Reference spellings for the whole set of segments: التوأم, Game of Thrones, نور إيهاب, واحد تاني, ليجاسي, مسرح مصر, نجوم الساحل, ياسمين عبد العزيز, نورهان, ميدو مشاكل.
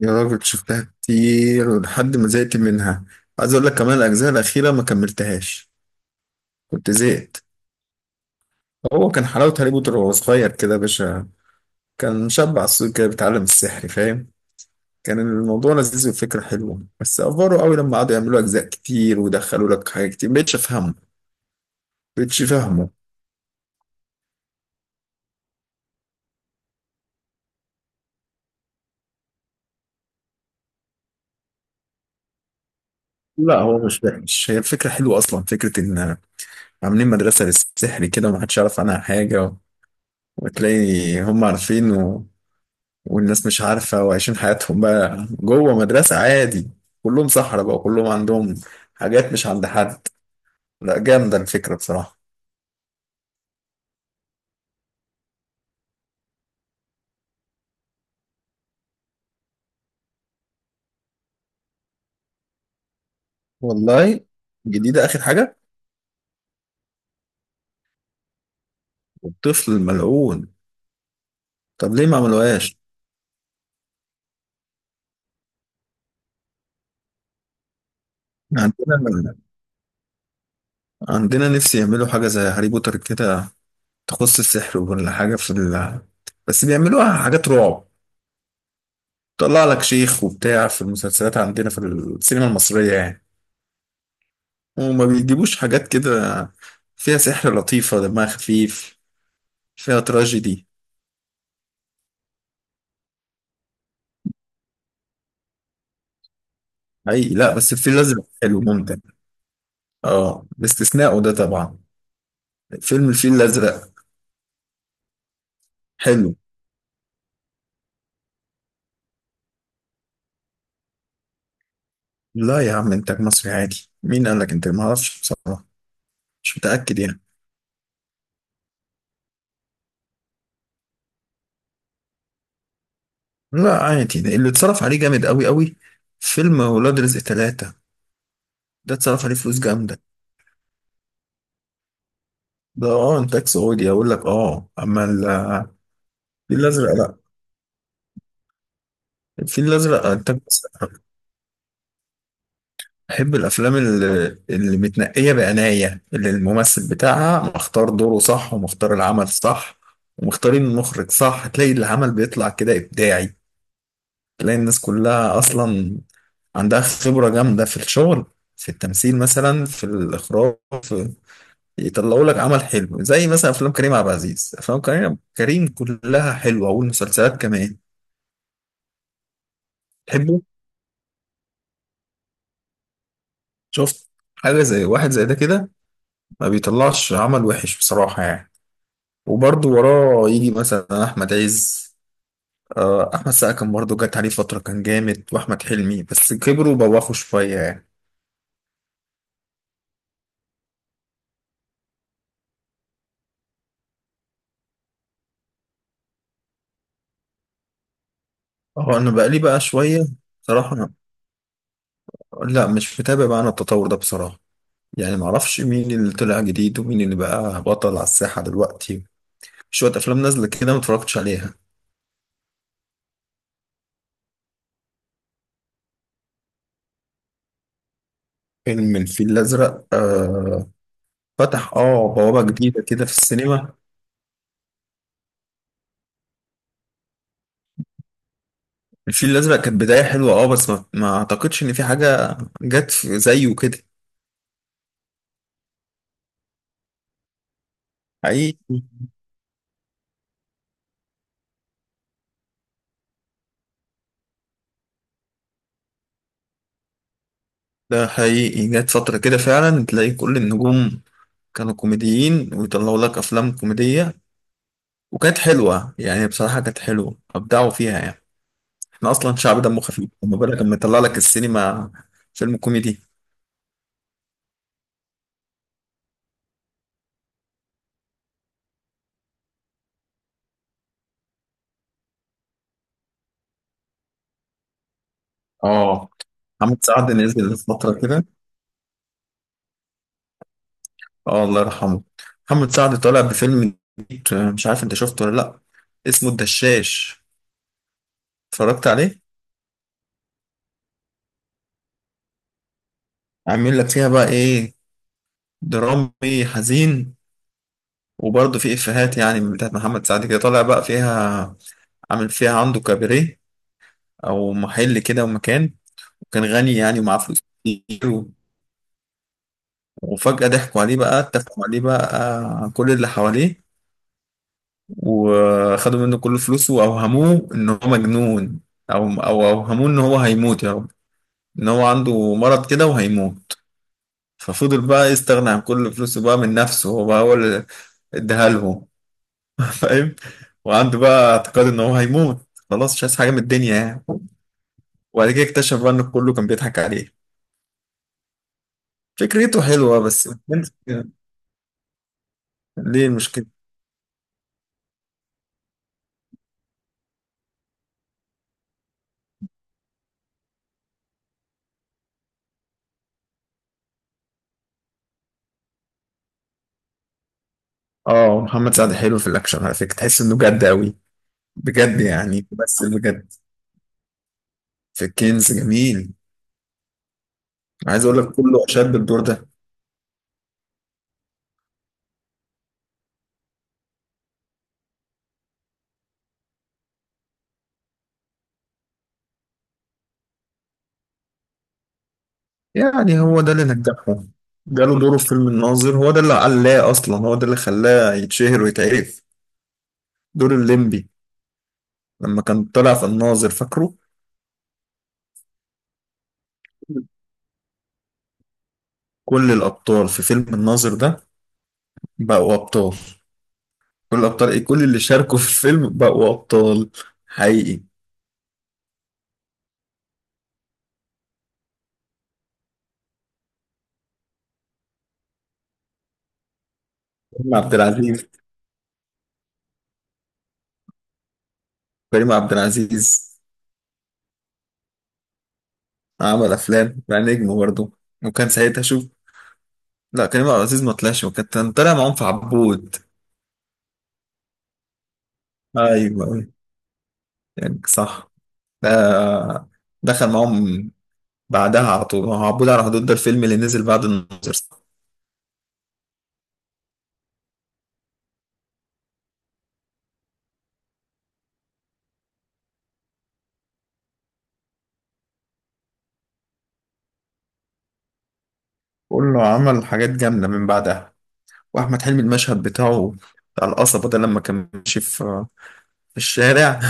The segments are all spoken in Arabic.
يا راجل شفتها كتير ولحد ما زهقت منها. عايز اقول لك كمان الاجزاء الاخيره ما كملتهاش. كنت زهقت. هو كان حلاوه هاري بوتر وهو صغير كده يا باشا. كان شاب عسول كده بيتعلم السحر، فاهم؟ كان الموضوع لذيذ والفكره حلوه، بس افوروا قوي لما قعدوا يعملوا اجزاء كتير ويدخلوا لك حاجات كتير مبقتش افهمه. مبقتش فاهمه. لا هو مش وحش، هي الفكره حلوه اصلا. فكره ان عاملين مدرسه للسحر كده ومحدش يعرف عنها حاجه، وتلاقي هم عارفين والناس مش عارفة، وعايشين حياتهم بقى جوه مدرسة عادي. كلهم صحراء بقى، كلهم عندهم حاجات مش عند حد. لا جامدة الفكرة بصراحة. والله جديدة آخر حاجة. الطفل الملعون. طب ليه ما عملوهاش؟ عندنا، عندنا نفسي يعملوا حاجة زي هاري بوتر كده، تخص السحر ولا حاجة في ال... بس بيعملوها حاجات رعب. طلع لك شيخ وبتاع في المسلسلات عندنا في السينما المصرية يعني. وما بيجيبوش حاجات كده فيها سحر لطيفة دمها خفيف، فيها تراجيدي. حقيقي، لا بس الفيل الأزرق حلو ممتع. اه باستثناءه ده طبعا. فيلم الفيل الأزرق حلو. لا يا عم إنتاج مصري عادي، مين قال لك؟ إنتاج ما أعرفش بصراحة، مش متأكد يعني. لا عادي، ده اللي اتصرف عليه جامد أوي أوي. فيلم ولاد رزق ثلاثة ده اتصرف عليه فلوس جامدة. ده اه إنتاج سعودي أقول لك، اه. أما ال- الفيل الأزرق لا، الفيل الأزرق إنتاج مصري. بحب الافلام اللي متنقيه بعنايه، اللي الممثل بتاعها مختار دوره صح ومختار العمل صح ومختارين المخرج صح، تلاقي العمل بيطلع كده ابداعي. تلاقي الناس كلها اصلا عندها خبره جامده في الشغل، في التمثيل مثلا، في الاخراج، في... يطلعوا لك عمل حلو زي مثلا افلام كريم عبد العزيز. افلام كريم كلها حلوه، والمسلسلات كمان. تحبه؟ شفت؟ حاجه زي واحد زي ده كده ما بيطلعش عمل وحش بصراحه يعني. وبرضه وراه يجي مثلا احمد عز، احمد سقا كان برضه جت عليه فتره كان جامد، واحمد حلمي، بس كبروا وبوخوا شويه يعني. هو انا بقالي بقى شويه، بصراحه أنا- لا مش متابع بقى انا التطور ده بصراحه، يعني معرفش مين اللي طلع جديد ومين اللي بقى بطل على الساحه دلوقتي. شويه افلام نازله كده ما اتفرجتش عليها. فيلم الفيل الازرق آه، فتح بوابه جديده كده في السينما. الفيل الازرق كانت بدايه حلوه اه، بس ما اعتقدش ان في حاجه جت زيه كده. حقيقي. ده حقيقي، جت فترة كده فعلا تلاقي كل النجوم كانوا كوميديين ويطلعوا لك أفلام كوميدية، وكانت حلوة يعني بصراحة، كانت حلوة أبدعوا فيها يعني. احنا أصلا شعب دمه خفيف، وما بالك لما يطلع لك السينما فيلم كوميدي. اه محمد سعد نزل فترة كده. اه الله يرحمه. محمد سعد طالع بفيلم جديد، مش عارف انت شفته ولا لأ. اسمه الدشاش، اتفرجت عليه؟ عامل لك فيها بقى ايه، درامي حزين، وبرضه في افيهات يعني من بتاعت محمد سعد كده طالع بقى فيها. عامل فيها عنده كاباريه او محل كده ومكان. وكان غني يعني ومعاه فلوس كتير و- وفجأة ضحكوا عليه بقى، اتفقوا عليه بقى، كل اللي حواليه، وخدوا منه كل فلوسه واوهموه ان هو مجنون، او اوهموه ان هو هيموت يا رب، ان هو عنده مرض كده وهيموت. ففضل بقى يستغنى عن كل فلوسه بقى من نفسه، هو بقى هو اللي اداها لهم. فاهم؟ وعنده بقى اعتقاد ان هو هيموت، خلاص مش عايز حاجه من الدنيا يعني. وبعد كده اكتشف بقى ان كله كان بيضحك عليه. فكرته حلوه بس. ليه المشكله؟ اه محمد سعد حلو في الاكشن على فكره، تحس انه جد قوي. بجد يعني، بس بجد في كنز جميل. عايز اقول لك كله اشاد بالدور ده. يعني هو ده اللي نجحه، جاله دوره في فيلم الناظر. هو ده اللي علاه اصلا، هو ده اللي خلاه يتشهر ويتعرف، دور الليمبي لما كان طلع في الناظر، فاكره؟ كل الأبطال في فيلم الناظر ده بقوا أبطال. كل الأبطال إيه، كل اللي شاركوا في الفيلم بقوا أبطال، حقيقي. كريم عبد العزيز. كريم عبد العزيز عمل أفلام بقى، نجم برضه. وكان ساعتها شوف، لا كريم عبد العزيز ما طلعش، وكان طالع معاهم في عبود. أيوه أيوه. يعني صح. ده دخل معاهم بعدها على طول. هو عبود على حدود ده الفيلم اللي نزل بعد الناظر. كله عمل حاجات جامدة من بعدها. وأحمد حلمي المشهد بتاعه، بتاع القصبة ده لما كان ماشي في في الشارع.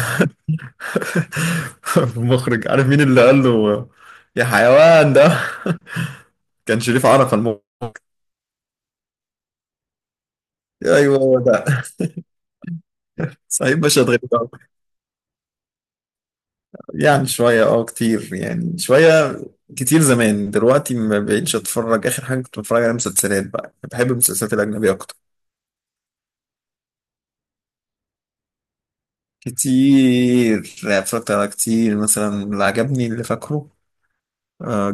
المخرج عارف مين اللي قال له يا حيوان ده؟ كان شريف عرفة المخرج. ايوه هو ده. صعيدي مش هتغير. يعني شويه اه كتير، يعني شويه كتير زمان. دلوقتي ما بقتش اتفرج، اخر حاجه كنت بتفرج على مسلسلات بقى، بحب المسلسلات الاجنبيه اكتر. كتير يعني، اتفرجت على كتير، مثلا اللي عجبني اللي فاكره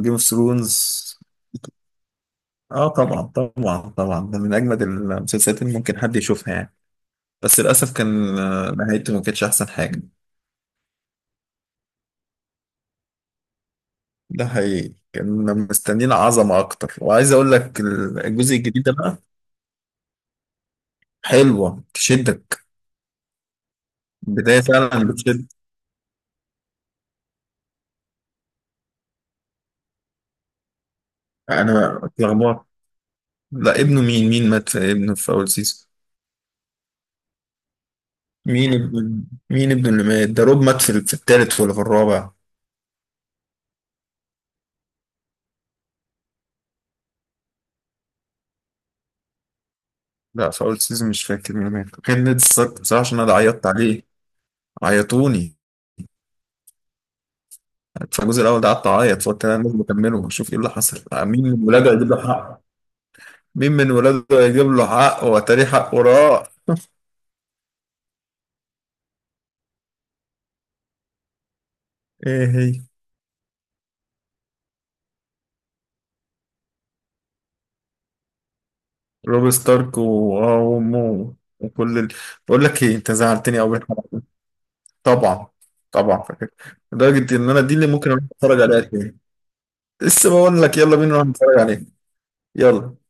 جيم اوف ثرونز. اه Game of Thrones. طبعا طبعا طبعا، ده من اجمد المسلسلات اللي ممكن حد يشوفها يعني. بس للأسف كان نهايته ما كانتش أحسن حاجة. ده حقيقي، كنا مستنيين عظمة أكتر. وعايز أقول لك الجزء الجديد ده بقى حلوة تشدك، بداية فعلا بتشد. أنا اتلخبطت، لا ابنه مين؟ مين مات في ابنه في أول سيزون؟ مين ابن؟ مين ابنه اللي مات ده؟ روب مات في في التالت ولا في الرابع؟ لا في أول سيزون مش فاكر مين مات، كان نادي الصك بصراحة عشان أنا عيطت عليه، عيطوني. في الجزء الأول ده قعدت أعيط، فقلت أنا لازم أكمله وأشوف إيه اللي حصل، مين المراجع يجيب له حقه، مين من ولاده هيجيب له حق وتاريخ حق وراه. ايه هي؟ روب ستارك و- وامه وكل ال... بقول لك ايه، انت زعلتني قوي. طبعا، طبعا فاكر. لدرجه ان انا دي اللي ممكن اروح اتفرج عليها تاني. لسه بقول لك يلا بينا نروح نتفرج عليها. يلا.